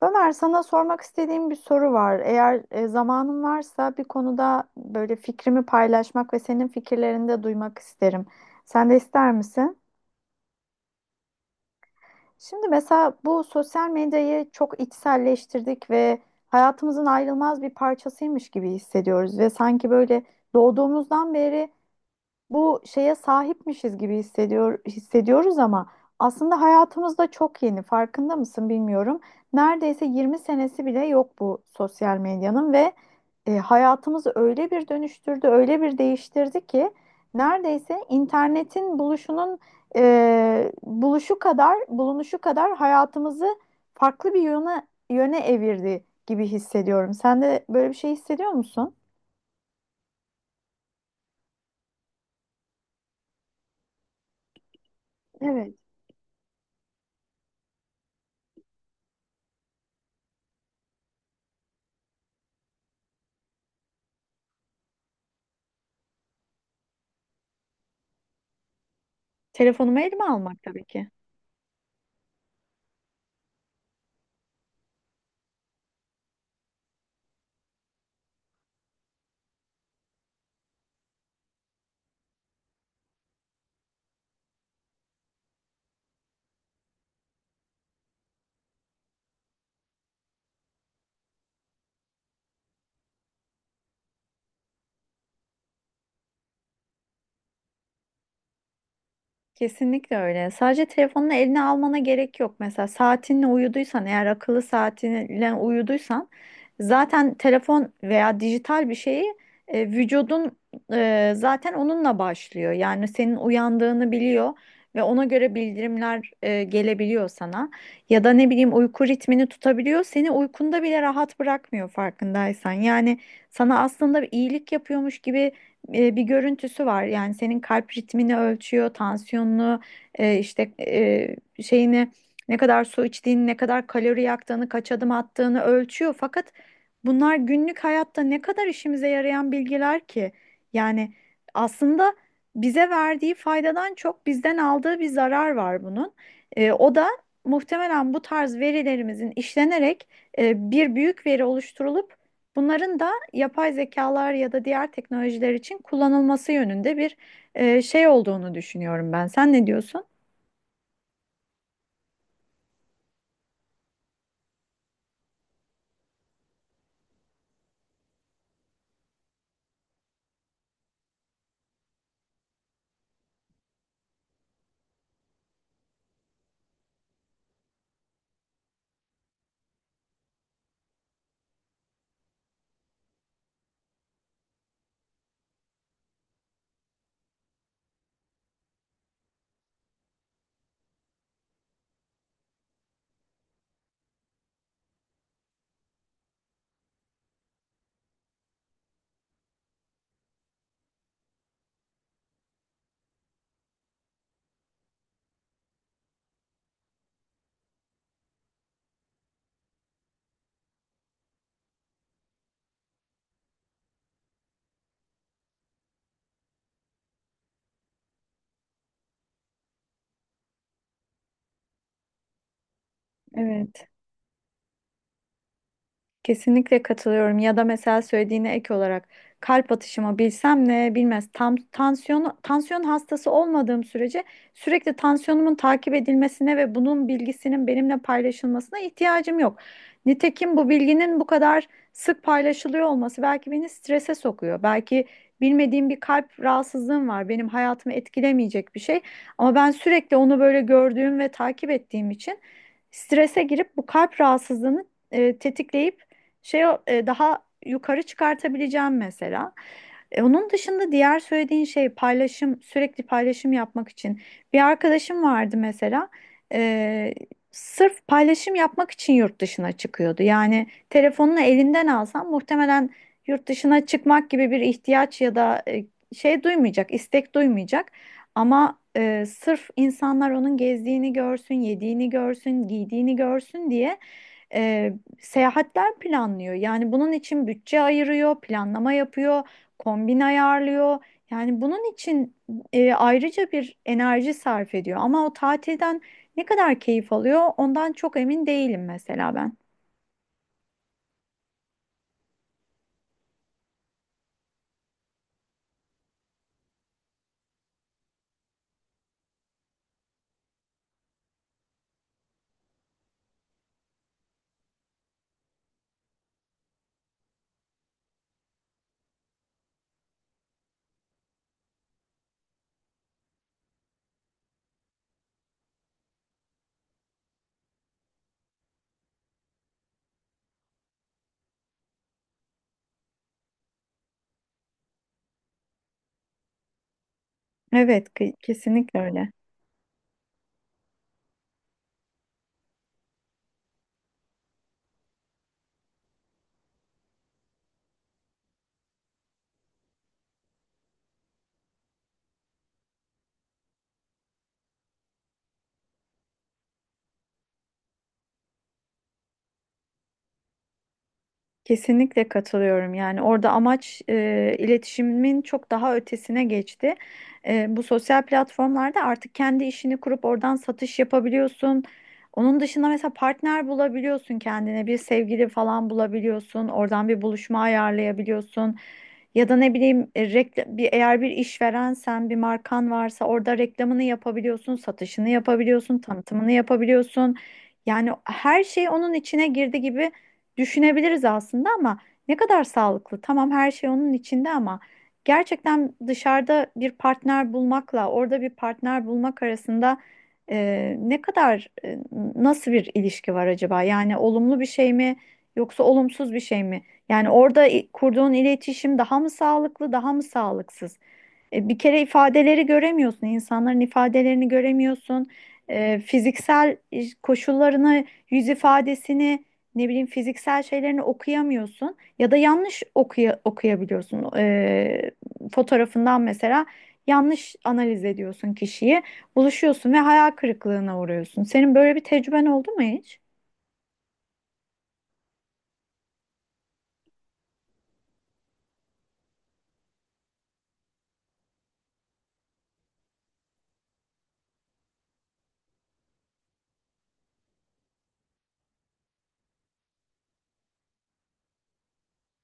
Ömer, sana sormak istediğim bir soru var. Eğer zamanın varsa bir konuda böyle fikrimi paylaşmak ve senin fikirlerini de duymak isterim. Sen de ister misin? Şimdi mesela bu sosyal medyayı çok içselleştirdik ve hayatımızın ayrılmaz bir parçasıymış gibi hissediyoruz ve sanki böyle doğduğumuzdan beri bu şeye sahipmişiz gibi hissediyoruz ama aslında hayatımızda çok yeni. Farkında mısın bilmiyorum. Neredeyse 20 senesi bile yok bu sosyal medyanın ve hayatımızı öyle bir dönüştürdü, öyle bir değiştirdi ki neredeyse internetin buluşunun e, buluşu kadar, bulunuşu kadar hayatımızı farklı bir yöne evirdi gibi hissediyorum. Sen de böyle bir şey hissediyor musun? Evet. Telefonumu elime almak tabii ki. Kesinlikle öyle. Sadece telefonunu eline almana gerek yok. Mesela saatinle uyuduysan, eğer akıllı saatinle uyuduysan zaten telefon veya dijital bir şeyi vücudun zaten onunla başlıyor. Yani senin uyandığını biliyor ve ona göre bildirimler gelebiliyor sana. Ya da ne bileyim uyku ritmini tutabiliyor. Seni uykunda bile rahat bırakmıyor farkındaysan. Yani sana aslında bir iyilik yapıyormuş gibi bir görüntüsü var. Yani senin kalp ritmini ölçüyor, tansiyonunu, işte şeyini ne kadar su içtiğini, ne kadar kalori yaktığını, kaç adım attığını ölçüyor. Fakat bunlar günlük hayatta ne kadar işimize yarayan bilgiler ki? Yani aslında bize verdiği faydadan çok bizden aldığı bir zarar var bunun. O da muhtemelen bu tarz verilerimizin işlenerek bir büyük veri oluşturulup bunların da yapay zekalar ya da diğer teknolojiler için kullanılması yönünde bir şey olduğunu düşünüyorum ben. Sen ne diyorsun? Evet. Kesinlikle katılıyorum. Ya da mesela söylediğine ek olarak kalp atışımı bilsem ne bilmez. Tam tansiyon hastası olmadığım sürece sürekli tansiyonumun takip edilmesine ve bunun bilgisinin benimle paylaşılmasına ihtiyacım yok. Nitekim bu bilginin bu kadar sık paylaşılıyor olması belki beni strese sokuyor. Belki bilmediğim bir kalp rahatsızlığım var. Benim hayatımı etkilemeyecek bir şey ama ben sürekli onu böyle gördüğüm ve takip ettiğim için strese girip bu kalp rahatsızlığını tetikleyip daha yukarı çıkartabileceğim mesela. Onun dışında diğer söylediğin şey paylaşım, sürekli paylaşım yapmak için. Bir arkadaşım vardı mesela. e, Sırf paylaşım yapmak için yurt dışına çıkıyordu. Yani telefonunu elinden alsam muhtemelen yurt dışına çıkmak gibi bir ihtiyaç ya da şey duymayacak, istek duymayacak. Ama sırf insanlar onun gezdiğini görsün, yediğini görsün, giydiğini görsün diye e, seyahatler planlıyor. Yani bunun için bütçe ayırıyor, planlama yapıyor, kombin ayarlıyor. Yani bunun için ayrıca bir enerji sarf ediyor. Ama o tatilden ne kadar keyif alıyor, ondan çok emin değilim mesela ben. Evet, kesinlikle öyle. Kesinlikle katılıyorum. Yani orada amaç iletişimin çok daha ötesine geçti. Bu sosyal platformlarda artık kendi işini kurup oradan satış yapabiliyorsun. Onun dışında mesela partner bulabiliyorsun kendine, bir sevgili falan bulabiliyorsun. Oradan bir buluşma ayarlayabiliyorsun. Ya da ne bileyim eğer bir işverensen, bir markan varsa orada reklamını yapabiliyorsun, satışını yapabiliyorsun, tanıtımını yapabiliyorsun. Yani her şey onun içine girdi gibi düşünebiliriz aslında ama ne kadar sağlıklı? Tamam her şey onun içinde ama gerçekten dışarıda bir partner bulmakla orada bir partner bulmak arasında e, ne kadar e, nasıl bir ilişki var acaba? Yani olumlu bir şey mi yoksa olumsuz bir şey mi? Yani orada kurduğun iletişim daha mı sağlıklı, daha mı sağlıksız? Bir kere ifadeleri göremiyorsun, insanların ifadelerini göremiyorsun. Fiziksel koşullarını, yüz ifadesini, ne bileyim fiziksel şeylerini okuyamıyorsun ya da yanlış okuyabiliyorsun. Fotoğrafından mesela yanlış analiz ediyorsun kişiyi, buluşuyorsun ve hayal kırıklığına uğruyorsun. Senin böyle bir tecrüben oldu mu hiç?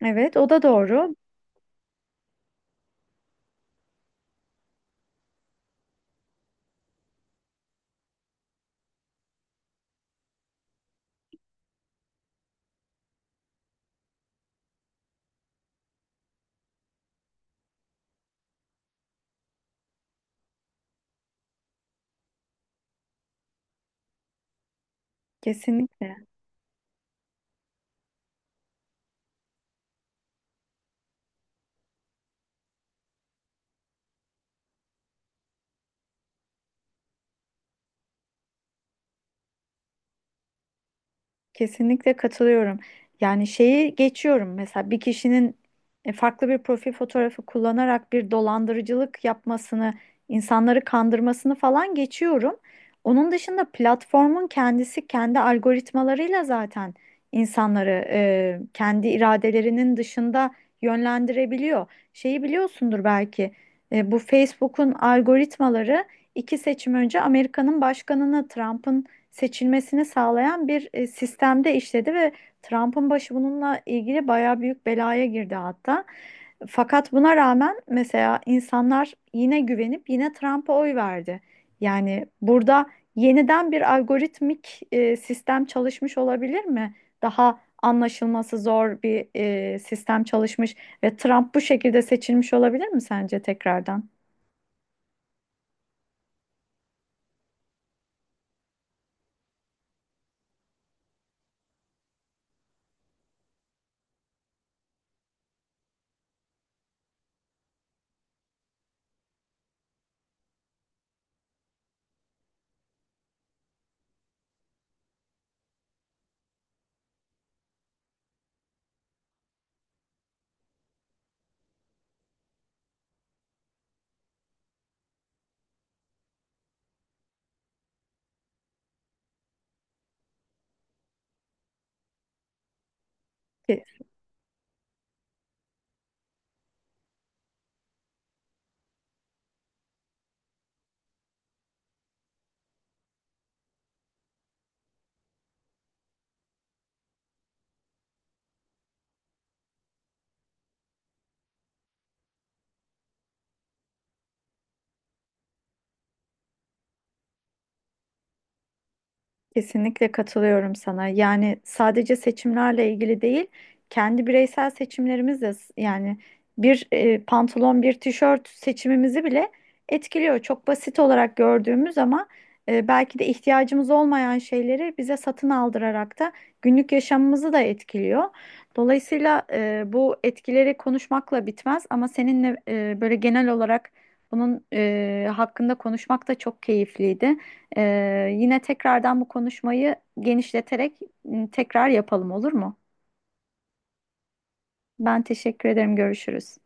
Evet, o da doğru. Kesinlikle. Kesinlikle katılıyorum. Yani şeyi geçiyorum mesela bir kişinin farklı bir profil fotoğrafı kullanarak bir dolandırıcılık yapmasını, insanları kandırmasını falan geçiyorum. Onun dışında platformun kendisi kendi algoritmalarıyla zaten insanları kendi iradelerinin dışında yönlendirebiliyor. Şeyi biliyorsundur belki bu Facebook'un algoritmaları iki seçim önce Amerika'nın başkanını Trump'ın seçilmesini sağlayan bir sistemde işledi ve Trump'ın başı bununla ilgili bayağı büyük belaya girdi hatta. Fakat buna rağmen mesela insanlar yine güvenip yine Trump'a oy verdi. Yani burada yeniden bir algoritmik sistem çalışmış olabilir mi? Daha anlaşılması zor bir sistem çalışmış ve Trump bu şekilde seçilmiş olabilir mi sence tekrardan? Te- Kesinlikle katılıyorum sana. Yani sadece seçimlerle ilgili değil, kendi bireysel seçimlerimiz de, yani bir pantolon, bir tişört seçimimizi bile etkiliyor. Çok basit olarak gördüğümüz ama belki de ihtiyacımız olmayan şeyleri bize satın aldırarak da günlük yaşamımızı da etkiliyor. Dolayısıyla bu etkileri konuşmakla bitmez ama seninle böyle genel olarak bunun hakkında konuşmak da çok keyifliydi. Yine tekrardan bu konuşmayı genişleterek tekrar yapalım olur mu? Ben teşekkür ederim. Görüşürüz.